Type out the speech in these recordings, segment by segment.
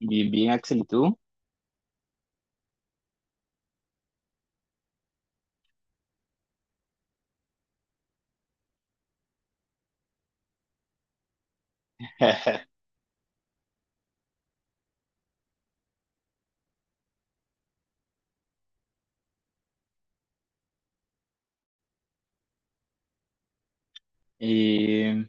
Bien, bien, Axel, ¿y tú? Eh,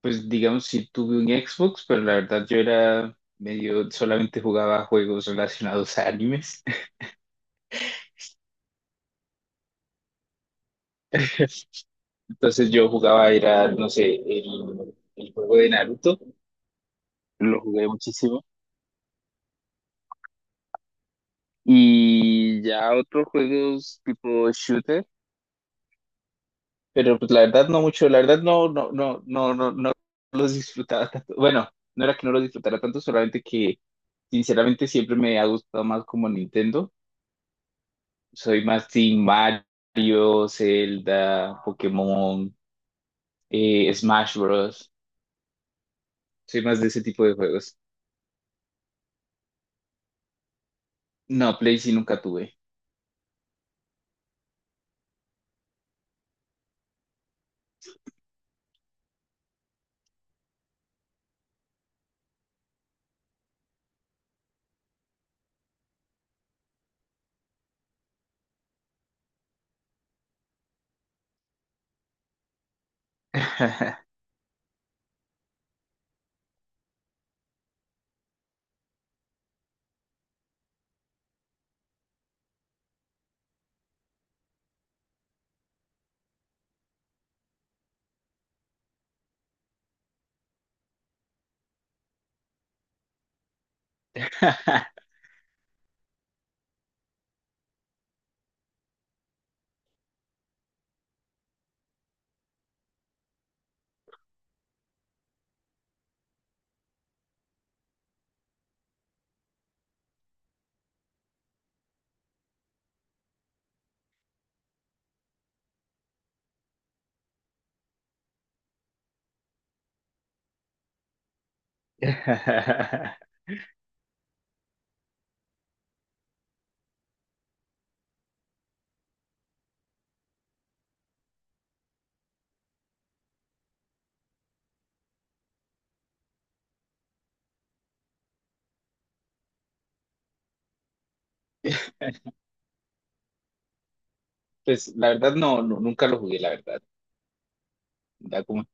pues digamos, si tuve un Xbox, pero la verdad yo era medio, solamente jugaba juegos relacionados a animes. Entonces yo jugaba, era, no sé, el juego de Naruto, lo jugué muchísimo. Y ya otros juegos tipo shooter, pero pues la verdad no mucho, la verdad no, no, no, no, no, no los disfrutaba tanto. Bueno, no era que no los disfrutara tanto, solamente que sinceramente siempre me ha gustado más como Nintendo. Soy más Team Mario, Zelda, Pokémon, Smash Bros. Soy más de ese tipo de juegos. No, Play sí nunca tuve. Pues la verdad no, no, nunca lo jugué, la verdad. Ya como-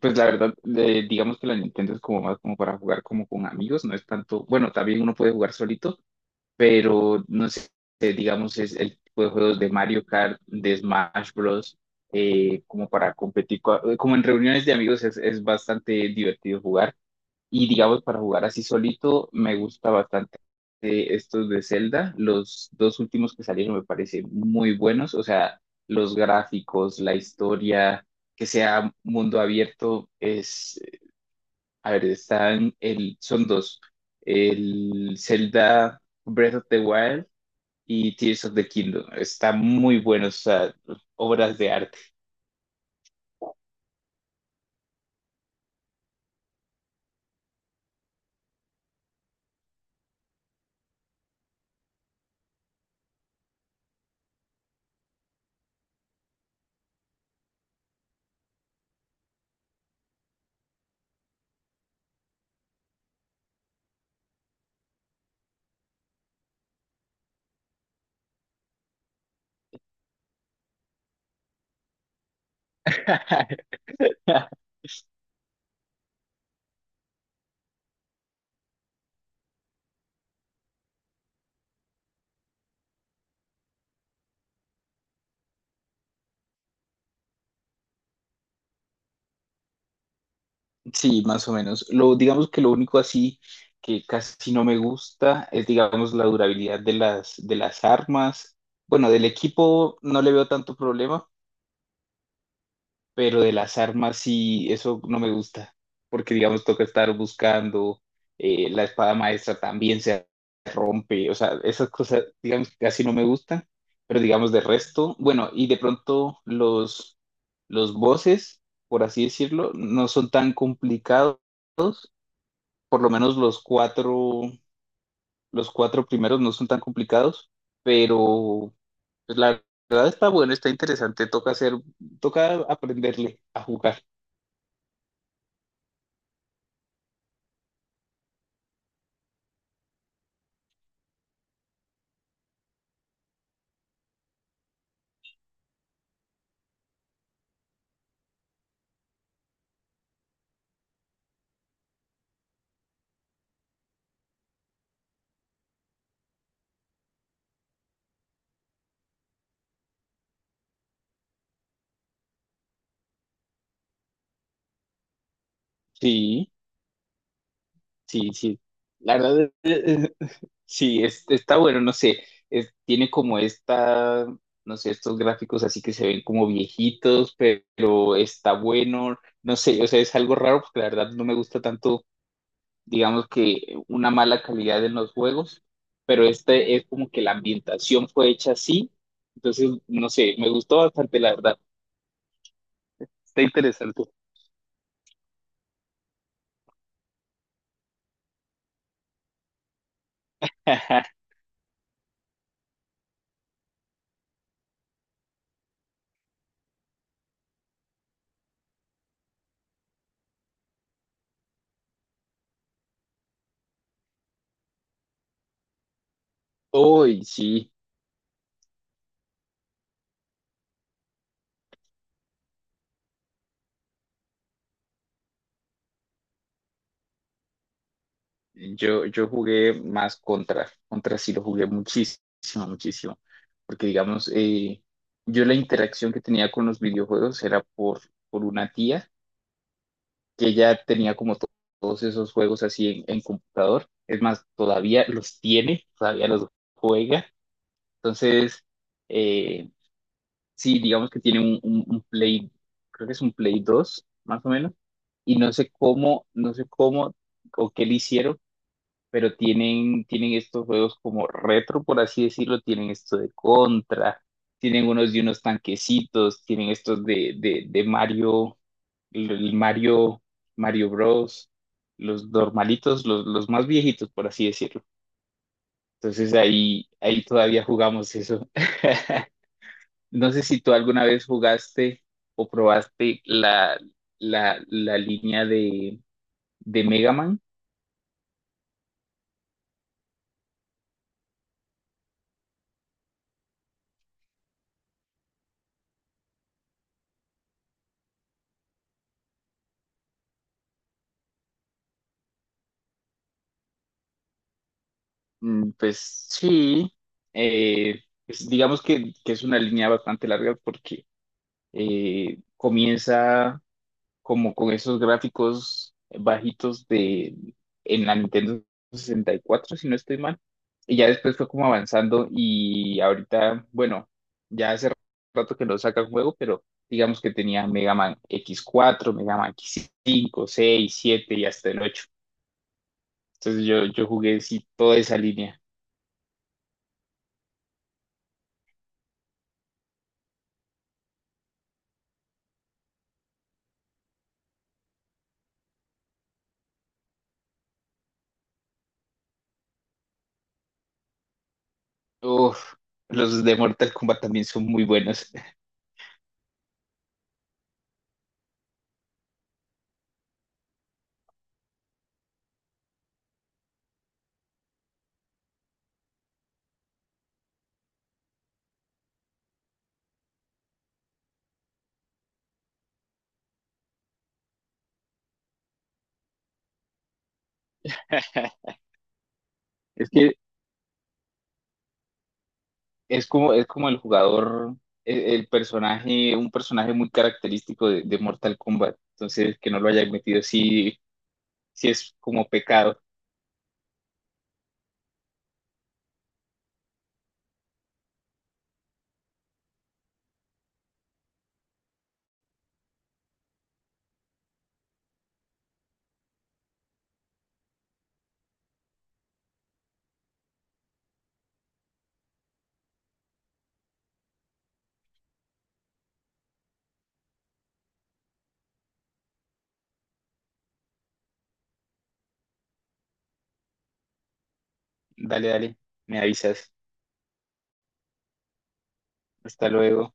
pues la verdad, digamos que la Nintendo es como más como para jugar como con amigos, no es tanto, bueno, también uno puede jugar solito, pero no sé, digamos, es el tipo de juegos de Mario Kart, de Smash Bros. Como para competir, co- como en reuniones de amigos es bastante divertido jugar. Y digamos, para jugar así solito, me gusta bastante estos de Zelda. Los dos últimos que salieron me parecen muy buenos. O sea, los gráficos, la historia, que sea mundo abierto, es, a ver, están, el, son dos. El Zelda Breath of the Wild y Tears of the Kingdom. Está muy bueno, o sea, obras de arte. Sí, más o menos. Lo, digamos que lo único así que casi no me gusta es, digamos, la durabilidad de las armas. Bueno, del equipo no le veo tanto problema, pero de las armas sí, eso no me gusta, porque digamos toca estar buscando, la espada maestra también se rompe, o sea, esas cosas, digamos, que casi no me gustan, pero digamos de resto, bueno, y de pronto los bosses, por así decirlo, no son tan complicados, por lo menos los cuatro primeros no son tan complicados, pero pues, la verdad está bueno, está interesante, toca hacer, toca aprenderle a jugar, sí. Sí, sí, la verdad, sí, es- está bueno, no sé, es- tiene como esta, no sé, estos gráficos así que se ven como viejitos, pe- pero está bueno, no sé, o sea, es algo raro porque la verdad no me gusta tanto, digamos que una mala calidad en los juegos, pero este es como que la ambientación fue hecha así, entonces, no sé, me gustó bastante, la verdad, está interesante. Uy, sí. Yo jugué más contra, contra sí lo jugué muchísimo, muchísimo, porque digamos, yo la interacción que tenía con los videojuegos era por una tía que ya tenía como to- todos esos juegos así en computador, es más, todavía los tiene, todavía los juega, entonces, eh, sí, digamos que tiene un Play, creo que es un Play 2 más o menos, y no sé cómo, no sé cómo o qué le hicieron pero tienen, tienen estos juegos como retro, por así decirlo, tienen esto de Contra, tienen unos de unos tanquecitos, tienen estos de Mario, el Mario, Mario Bros, los normalitos, los más viejitos, por así decirlo. Entonces ahí, ahí todavía jugamos eso. No sé si tú alguna vez jugaste o probaste la, la, la línea de Mega Man. Mm, pues sí, pues digamos que es una línea bastante larga porque comienza como con esos gráficos bajitos de en la Nintendo 64 si no estoy mal, y ya después fue como avanzando y ahorita, bueno, ya hace rato que no saca el juego, pero digamos que tenía Mega Man X4 Mega Man X5 6 7 y hasta el 8. Entonces yo jugué sí, toda esa línea. Uf, los de Mortal Kombat también son muy buenos. Es que es como el jugador, el personaje, un personaje muy característico de Mortal Kombat. Entonces, que no lo hayan metido, sí, sí es como pecado. Dale, dale, me avisas. Hasta luego.